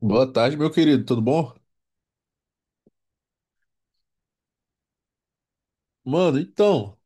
Boa tarde, meu querido, tudo bom? Mano, então,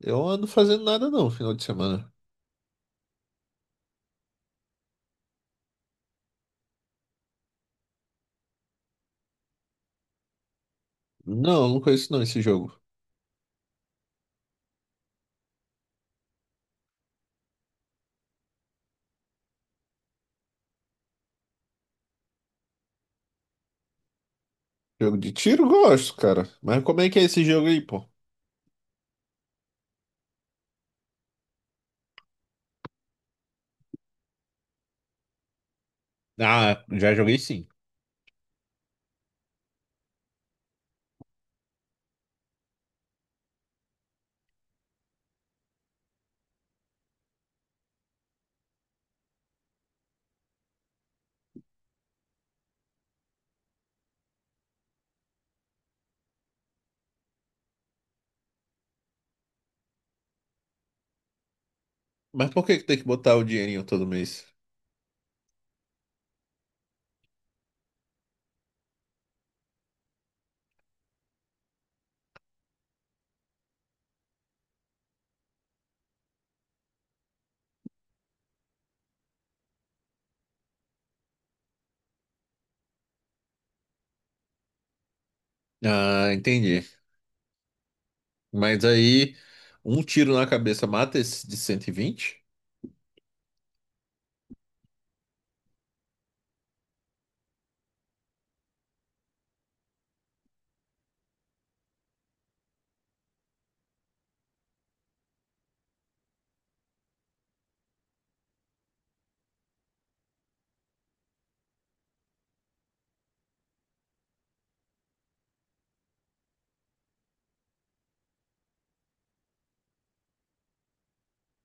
eu ando fazendo nada não, final de semana. Não, não conheço não esse jogo. Jogo de tiro, gosto, cara. Mas como é que é esse jogo aí, pô? Ah, já joguei sim. Mas por que que tem que botar o dinheirinho todo mês? Ah, entendi. Mas aí, um tiro na cabeça mata esse de 120?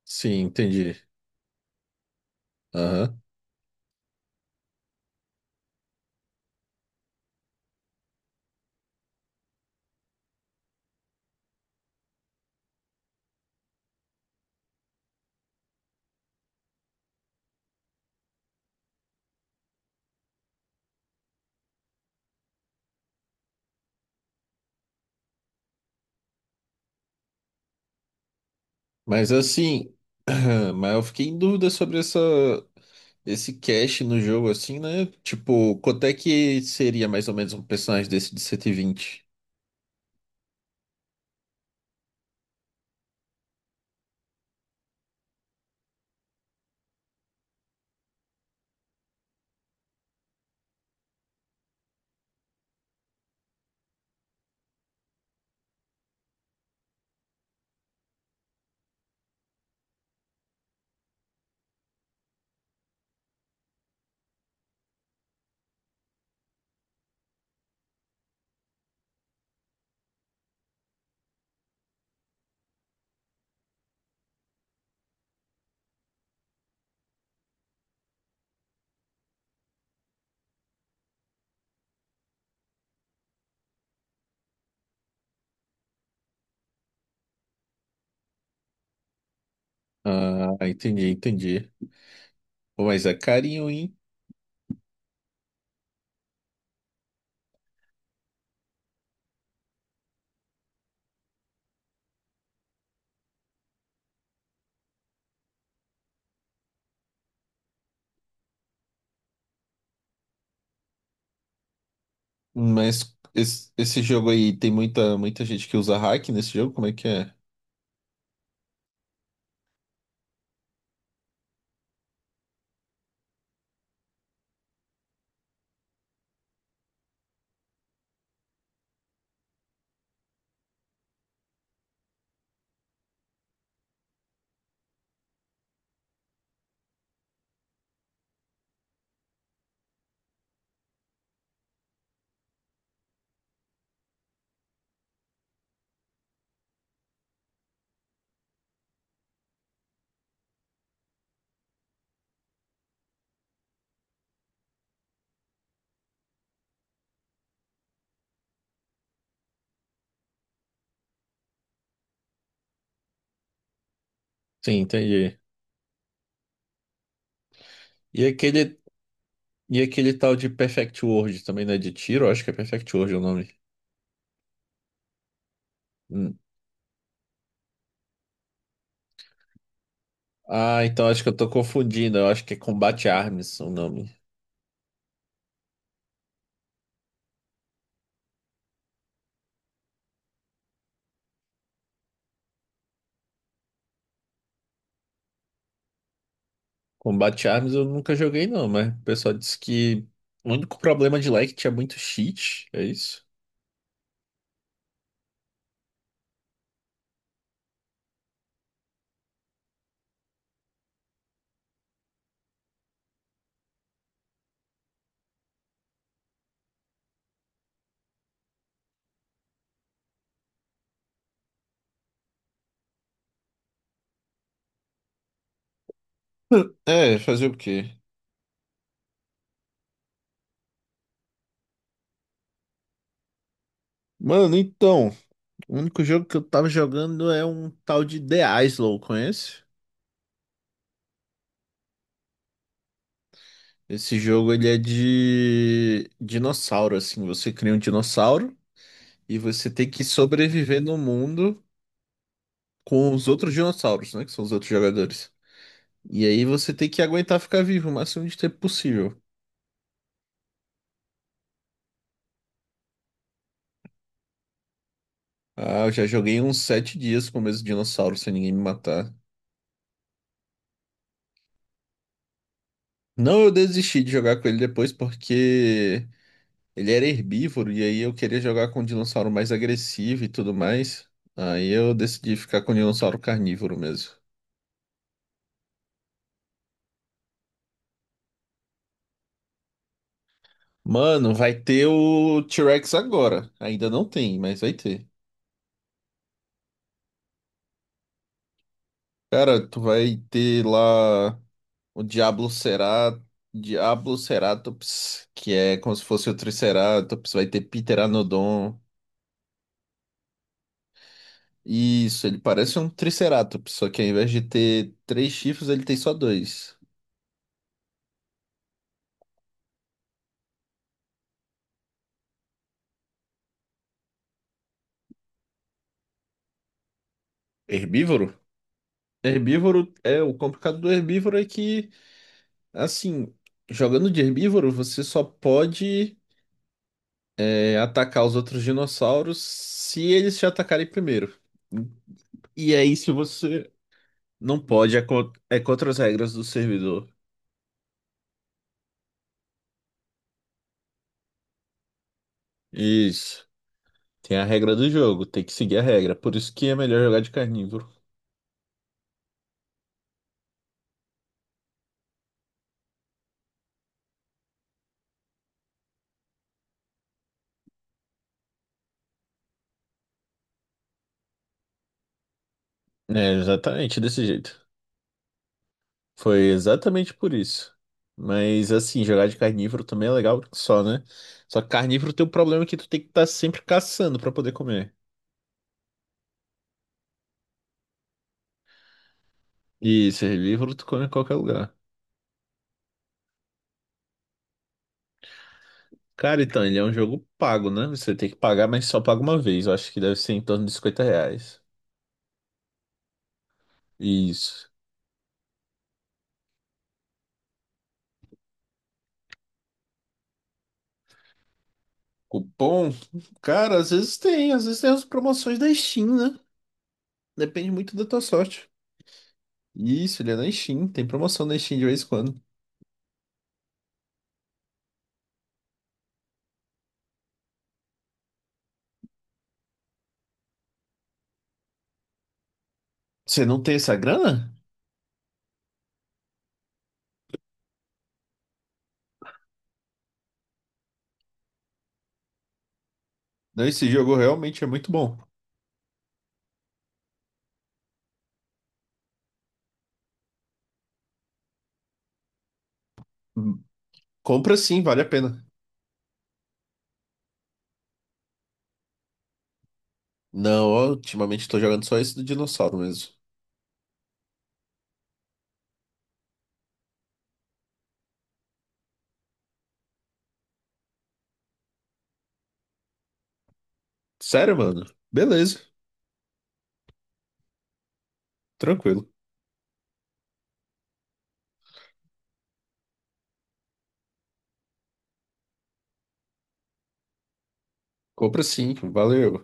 Sim, entendi. Aham. Mas assim, mas eu fiquei em dúvida sobre esse cache no jogo, assim, né? Tipo, quanto é que seria mais ou menos um personagem desse de 120? Ah, entendi, entendi. Pô, mas é carinho, hein? Mas esse jogo aí tem muita, muita gente que usa hack nesse jogo? Como é que é? Sim, entendi. E aquele, e aquele tal de Perfect World também, né? De tiro, acho que é Perfect World o nome. Ah, então acho que eu tô confundindo. Eu acho que é Combat Arms o nome. Combat Arms eu nunca joguei, não, mas o pessoal disse que o único problema de lá é que tinha muito cheat, é isso? É, fazer o quê? Mano, então, o único jogo que eu tava jogando é um tal de The Islow, conhece? Esse jogo ele é de dinossauro, assim, você cria um dinossauro e você tem que sobreviver no mundo com os outros dinossauros, né, que são os outros jogadores. E aí você tem que aguentar ficar vivo o máximo de tempo possível. Ah, eu já joguei uns 7 dias com o mesmo dinossauro sem ninguém me matar. Não, eu desisti de jogar com ele depois porque ele era herbívoro e aí eu queria jogar com um dinossauro mais agressivo e tudo mais. Aí eu decidi ficar com o dinossauro carnívoro mesmo. Mano, vai ter o T-Rex agora. Ainda não tem, mas vai ter. Cara, tu vai ter lá. O Diabloceratops, que é como se fosse o Triceratops, vai ter Pteranodon. Isso, ele parece um Triceratops, só que ao invés de ter três chifres, ele tem só dois. Herbívoro? Herbívoro é o complicado do herbívoro é que, assim, jogando de herbívoro, você só pode é, atacar os outros dinossauros se eles te atacarem primeiro. E aí, se você não pode, é, é contra as regras do servidor. Isso. Tem a regra do jogo, tem que seguir a regra. Por isso que é melhor jogar de carnívoro. É, exatamente desse jeito. Foi exatamente por isso. Mas assim, jogar de carnívoro também é legal só, né? Só que carnívoro tem o problema que tu tem que estar sempre caçando pra poder comer. E esse herbívoro tu come em qualquer lugar. Cara, então, ele é um jogo pago, né? Você tem que pagar, mas só paga uma vez. Eu acho que deve ser em torno de R$ 50. Isso. Cupom? Cara, às vezes tem as promoções da Steam, né? Depende muito da tua sorte. Isso, ele é na Steam. Tem promoção na Steam de vez em quando. Você não tem essa grana? Não, esse jogo realmente é muito bom. Hum, Compra sim, vale a pena. Não, ó, ultimamente tô jogando só esse do dinossauro mesmo. Sério, mano? Beleza, tranquilo. Compra sim, valeu.